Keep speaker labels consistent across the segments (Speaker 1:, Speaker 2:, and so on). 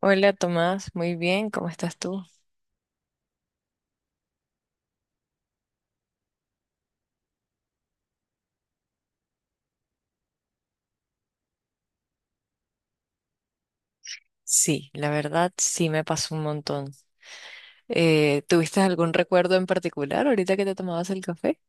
Speaker 1: Hola Tomás, muy bien, ¿cómo estás tú? Sí, la verdad sí me pasó un montón. ¿Tuviste algún recuerdo en particular ahorita que te tomabas el café?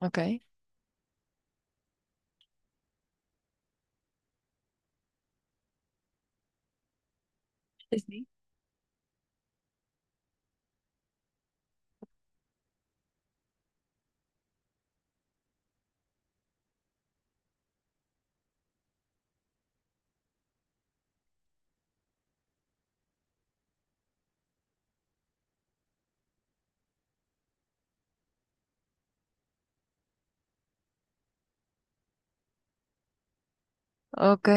Speaker 1: Ok. Sí. Ok.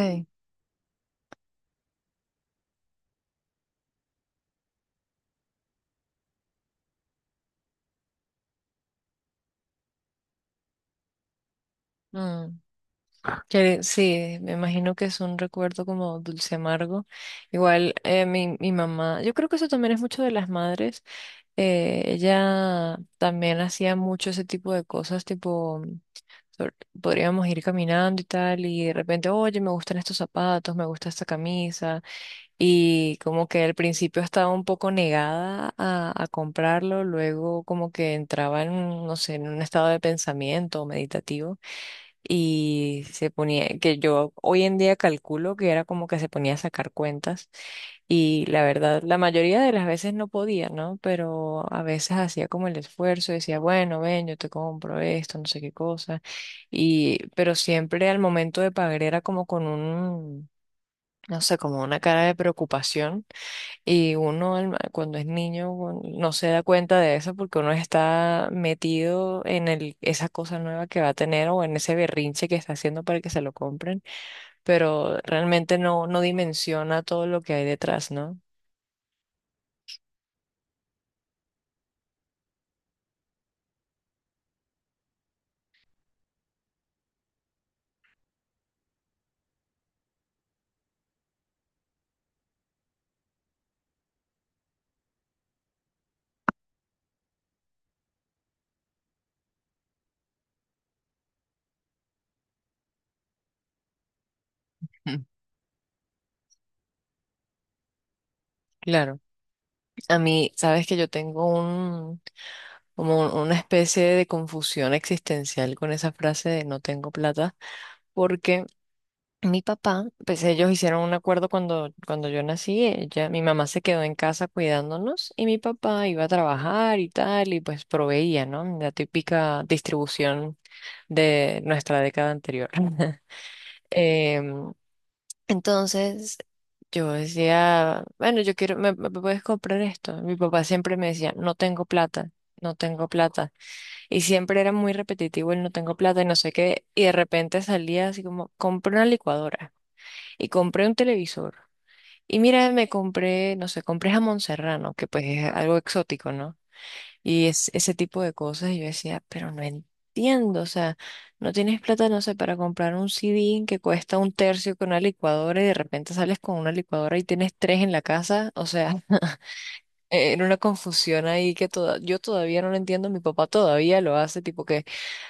Speaker 1: Mm, que sí, me imagino que es un recuerdo como dulce amargo. Igual mi mamá, yo creo que eso también es mucho de las madres. Ella también hacía mucho ese tipo de cosas, tipo, sobre- podríamos ir caminando y tal, y de repente, oye, me gustan estos zapatos, me gusta esta camisa, y como que al principio estaba un poco negada a comprarlo, luego como que entraba no sé, en un estado de pensamiento meditativo, y se ponía, que yo hoy en día calculo que era como que se ponía a sacar cuentas y la verdad, la mayoría de las veces no podía, ¿no? Pero a veces hacía como el esfuerzo, decía, bueno, ven, yo te compro esto, no sé qué cosa. Y, pero siempre al momento de pagar era como con no sé, como una cara de preocupación. Y uno cuando es niño bueno, no se da cuenta de eso porque uno está metido en el, esa cosa nueva que va a tener o en ese berrinche que está haciendo para que se lo compren. Pero realmente no dimensiona todo lo que hay detrás, ¿no? Claro, a mí, sabes que yo tengo como una especie de confusión existencial con esa frase de no tengo plata, porque mi papá, pues ellos hicieron un acuerdo cuando yo nací, ella, mi mamá se quedó en casa cuidándonos y mi papá iba a trabajar y tal, y pues proveía, ¿no? La típica distribución de nuestra década anterior. Em, entonces yo decía, bueno, yo quiero, me puedes comprar esto. Mi papá siempre me decía, no tengo plata, no tengo plata. Y siempre era muy repetitivo el no tengo plata y no sé qué. Y de repente salía así como, compré una licuadora y compré un televisor. Y mira, me compré, no sé, compré jamón serrano, que pues es algo exótico, ¿no? Y es ese tipo de cosas, y yo decía, pero no entiendo, o sea, no tienes plata, no sé, para comprar un CD que cuesta un tercio con una licuadora y de repente sales con una licuadora y tienes tres en la casa, o sea, era una confusión ahí que toda, yo todavía no lo entiendo, mi papá todavía lo hace, tipo que,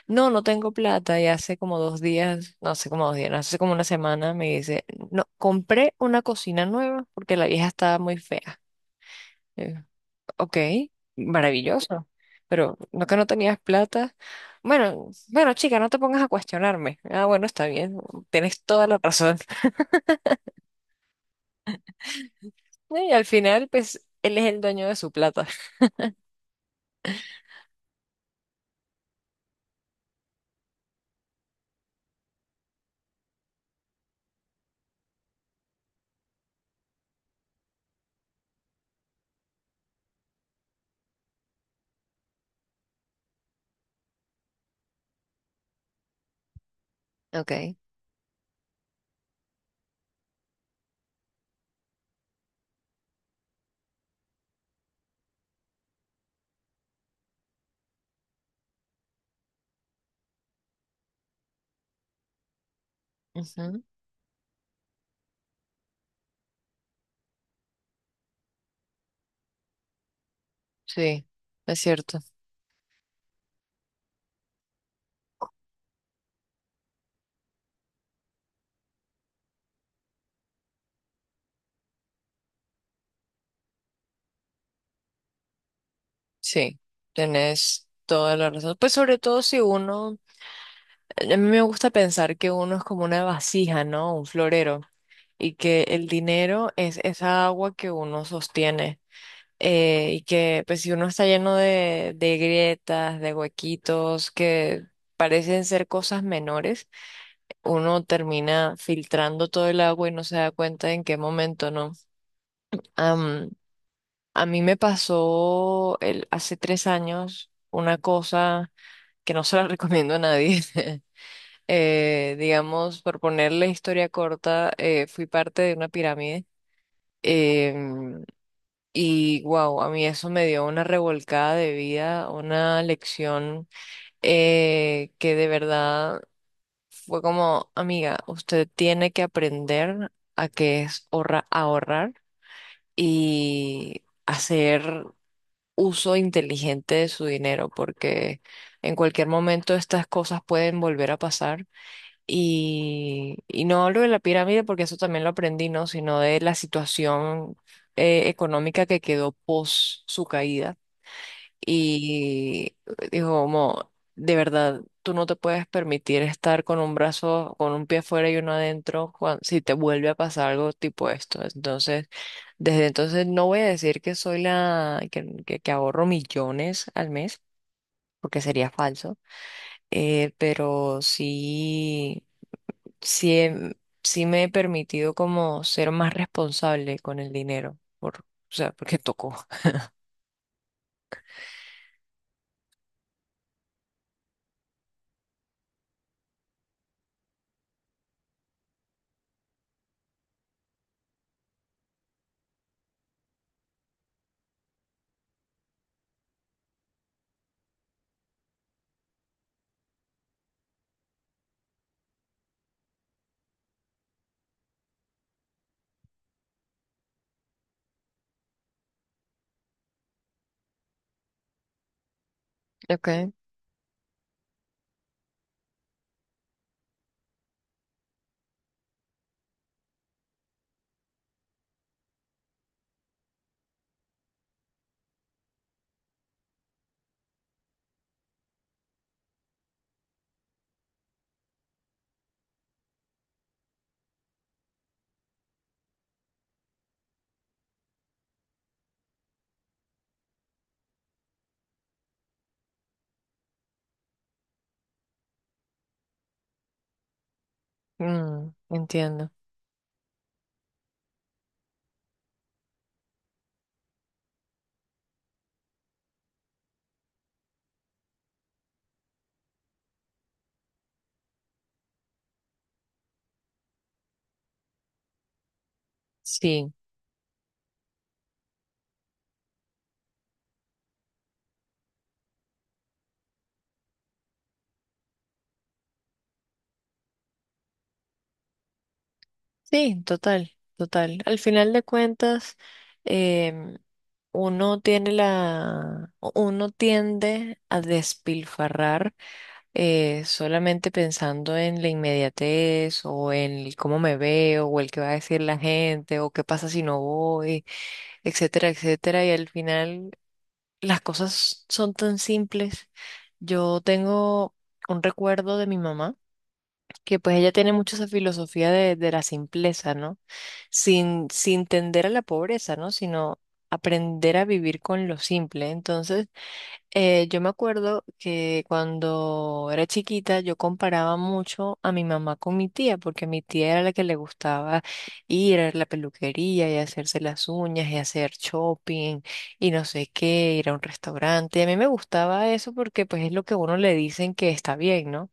Speaker 1: no, no tengo plata, y hace como dos días, no hace como dos días, no, hace como una semana me dice, no, compré una cocina nueva porque la vieja estaba muy fea. Ok, maravilloso. Pero no que no tenías plata. Bueno, bueno, chica, no te pongas a cuestionarme. Ah, bueno, está bien. Tienes toda la razón. Y al final, pues, él es el dueño de su plata. Ok. Ujú. Sí, es cierto. Sí, tenés toda la razón. Pues sobre todo si uno, a mí me gusta pensar que uno es como una vasija, ¿no? Un florero. Y que el dinero es esa agua que uno sostiene. Y que pues si uno está lleno de grietas, de huequitos, que parecen ser cosas menores, uno termina filtrando todo el agua y no se da cuenta en qué momento no. Am, a mí me pasó hace tres años una cosa que no se la recomiendo a nadie. Digamos, por ponerle historia corta, fui parte de una pirámide. em, Y wow, a mí eso me dio una revolcada de vida, una lección que de verdad fue como, amiga, usted tiene que aprender a que es ahorrar y hacer uso inteligente de su dinero, porque en cualquier momento estas cosas pueden volver a pasar. Y no hablo de la pirámide porque eso también lo aprendí, ¿no? Sino de la situación económica que quedó post su caída y dijo, como, de verdad, tú no te puedes permitir estar con un brazo, con un pie afuera y uno adentro, si te vuelve a pasar algo tipo esto. Entonces, desde entonces no voy a decir que soy la, que ahorro millones al mes, porque sería falso, pero sí, sí, sí me he permitido como ser más responsable con el dinero, o sea, porque tocó. Ok. Mm, entiendo. Sí, sí, total, total. Al final de cuentas, em, uno tiene uno tiende a despilfarrar solamente pensando en la inmediatez o en el cómo me veo o el que va a decir la gente o qué pasa si no voy, etcétera, etcétera. Y al final las cosas son tan simples. Yo tengo un recuerdo de mi mamá, que pues ella tiene mucho esa filosofía de la simpleza, ¿no? Sin tender a la pobreza, ¿no? Sino aprender a vivir con lo simple. Entonces, yo me acuerdo que cuando era chiquita yo comparaba mucho a mi mamá con mi tía, porque mi tía era la que le gustaba ir a la peluquería y hacerse las uñas y hacer shopping y no sé qué, ir a un restaurante. Y a mí me gustaba eso porque pues es lo que a uno le dicen que está bien, ¿no?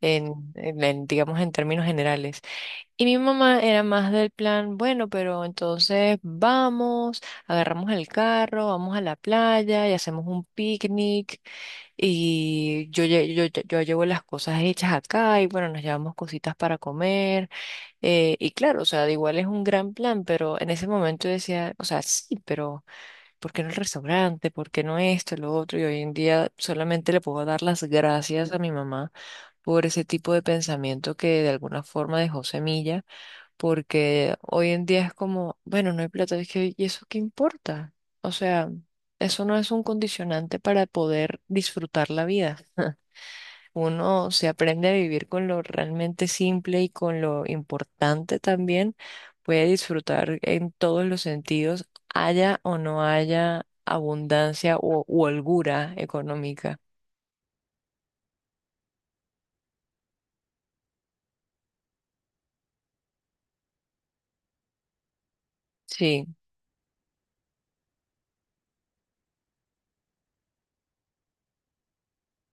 Speaker 1: en, digamos, en términos generales. Y mi mamá era más del plan, bueno, pero entonces vamos, agarramos el carro, vamos a la playa y hacemos un picnic y yo llevo las cosas hechas acá y bueno, nos llevamos cositas para comer. Y claro, o sea, de igual es un gran plan, pero en ese momento yo decía, o sea, sí, pero ¿por qué no el restaurante? ¿Por qué no esto, lo otro? Y hoy en día solamente le puedo dar las gracias a mi mamá por ese tipo de pensamiento que de alguna forma dejó semilla, porque hoy en día es como, bueno, no hay plata, es que, ¿y eso qué importa? O sea, eso no es un condicionante para poder disfrutar la vida. Uno se aprende a vivir con lo realmente simple y con lo importante también, puede disfrutar en todos los sentidos, haya o no haya abundancia u holgura económica. Sí.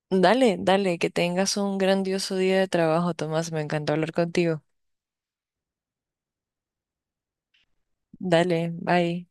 Speaker 1: Dale, dale, que tengas un grandioso día de trabajo, Tomás. Me encantó hablar contigo. Dale, bye.